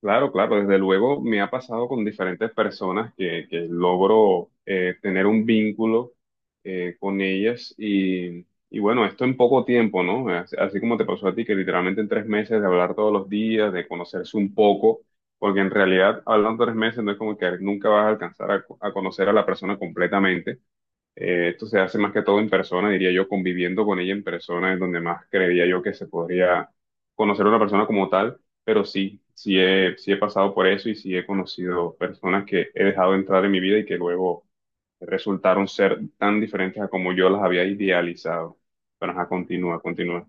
Claro, claro, desde luego me ha pasado con diferentes personas que logro tener un vínculo con ellas y bueno, esto en poco tiempo, ¿no? Así como te pasó a ti, que literalmente en 3 meses de hablar todos los días, de conocerse un poco, porque en realidad hablando 3 meses no es como que nunca vas a alcanzar a conocer a la persona completamente. Esto se hace más que todo en persona, diría yo. Conviviendo con ella en persona es donde más creería yo que se podría conocer a una persona como tal, pero sí, sí he pasado por eso y sí he conocido personas que he dejado entrar en mi vida y que luego resultaron ser tan diferentes a como yo las había idealizado. Pero ajá, continúa, continúa.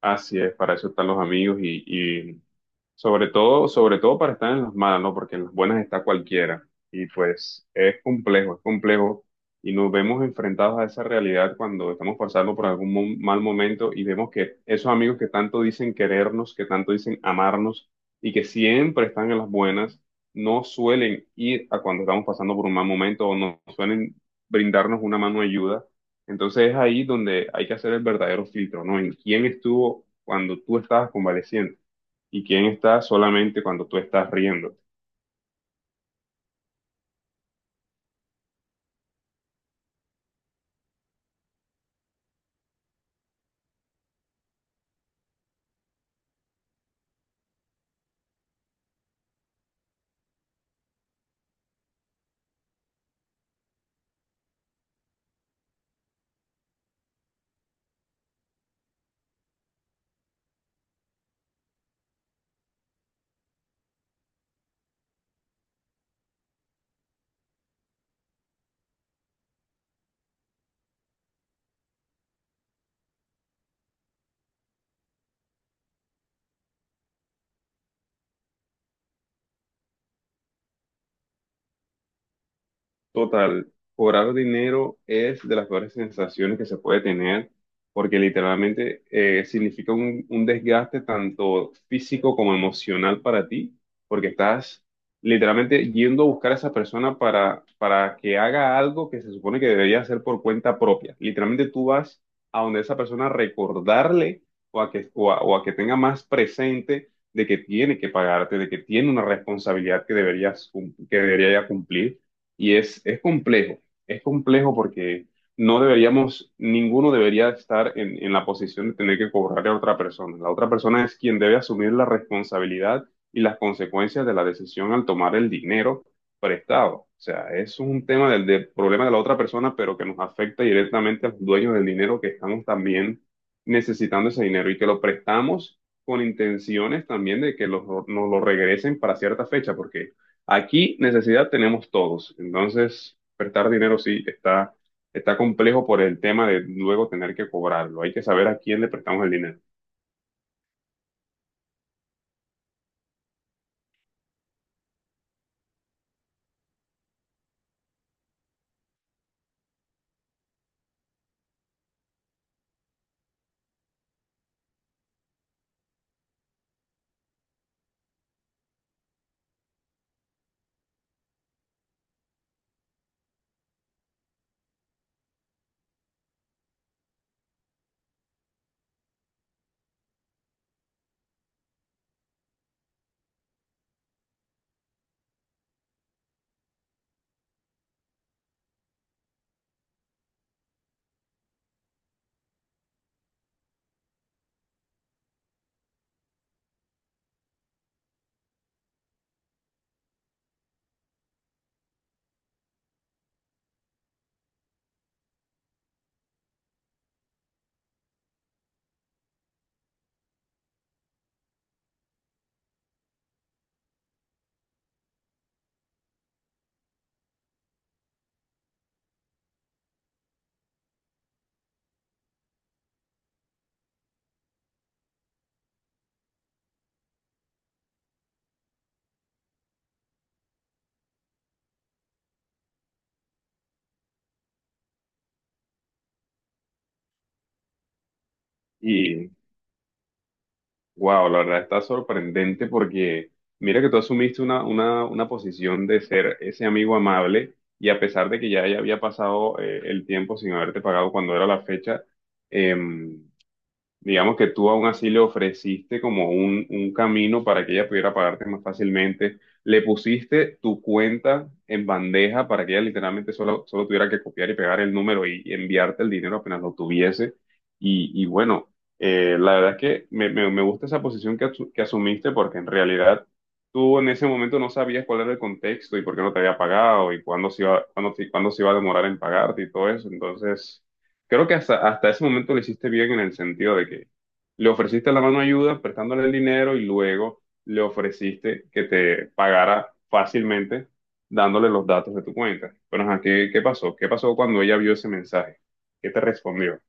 Así es, para eso están los amigos y sobre todo, sobre todo para estar en las malas, ¿no? Porque en las buenas está cualquiera. Y pues es complejo, es complejo. Y nos vemos enfrentados a esa realidad cuando estamos pasando por algún mal momento y vemos que esos amigos que tanto dicen querernos, que tanto dicen amarnos y que siempre están en las buenas, no suelen ir a cuando estamos pasando por un mal momento o no suelen brindarnos una mano de ayuda. Entonces es ahí donde hay que hacer el verdadero filtro, ¿no? En quién estuvo cuando tú estabas convaleciente y quién está solamente cuando tú estás riendo. Total, cobrar dinero es de las peores sensaciones que se puede tener porque literalmente significa un desgaste tanto físico como emocional para ti, porque estás literalmente yendo a buscar a esa persona para que haga algo que se supone que debería hacer por cuenta propia. Literalmente tú vas a donde esa persona a recordarle o a que tenga más presente de que tiene que pagarte, de que tiene una responsabilidad que que debería ya cumplir y es complejo porque no deberíamos, ninguno debería estar en la posición de tener que cobrarle a otra persona. La otra persona es quien debe asumir la responsabilidad y las consecuencias de la decisión al tomar el dinero prestado. O sea, es un tema del problema de la otra persona, pero que nos afecta directamente a los dueños del dinero que estamos también necesitando ese dinero y que lo prestamos con intenciones también de que nos lo regresen para cierta fecha, porque aquí necesidad tenemos todos. Entonces prestar dinero sí está, está complejo por el tema de luego tener que cobrarlo. Hay que saber a quién le prestamos el dinero. Y wow, la verdad está sorprendente porque mira que tú asumiste una posición de ser ese amigo amable, y a pesar de que ya, ya había pasado el tiempo sin haberte pagado cuando era la fecha, em, digamos que tú aún así le ofreciste como un camino para que ella pudiera pagarte más fácilmente. Le pusiste tu cuenta en bandeja para que ella literalmente solo, solo tuviera que copiar y pegar el número y enviarte el dinero apenas lo tuviese. Y bueno, la verdad es que me gusta esa posición que asumiste, porque en realidad tú en ese momento no sabías cuál era el contexto y por qué no te había pagado y cuándo se iba, cuándo, cuándo se iba a demorar en pagarte y todo eso. Entonces creo que hasta, hasta ese momento lo hiciste bien, en el sentido de que le ofreciste la mano de ayuda prestándole el dinero y luego le ofreciste que te pagara fácilmente dándole los datos de tu cuenta. Pero, ajá, ¿qué, qué pasó? ¿Qué pasó cuando ella vio ese mensaje? ¿Qué te respondió?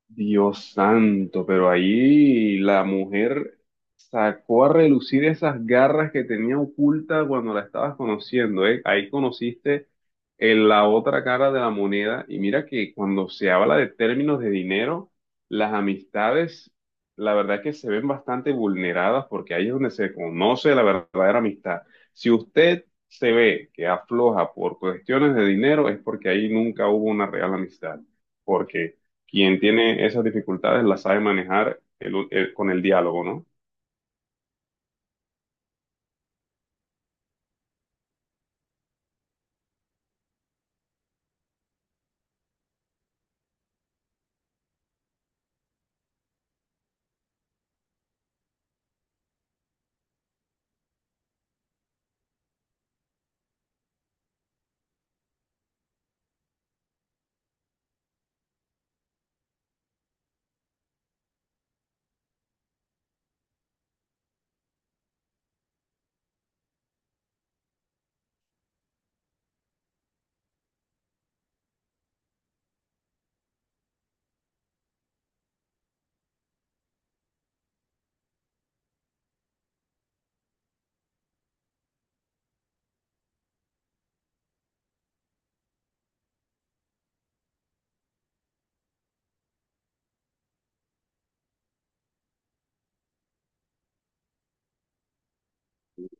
Dios santo, pero ahí la mujer sacó a relucir esas garras que tenía oculta cuando la estabas conociendo, ¿eh? Ahí conociste en la otra cara de la moneda, y mira que cuando se habla de términos de dinero, las amistades, la verdad es que se ven bastante vulneradas, porque ahí es donde se conoce la verdadera amistad. Si usted se ve que afloja por cuestiones de dinero, es porque ahí nunca hubo una real amistad, porque quien tiene esas dificultades las sabe manejar con el diálogo, ¿no?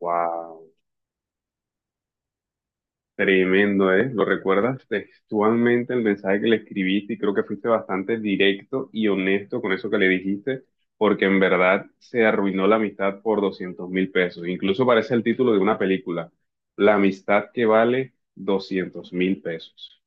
Wow, tremendo, ¿eh? ¿Lo recuerdas textualmente el mensaje que le escribiste? Y creo que fuiste bastante directo y honesto con eso que le dijiste, porque en verdad se arruinó la amistad por 200.000 pesos. Incluso parece el título de una película, La amistad que vale 200.000 pesos.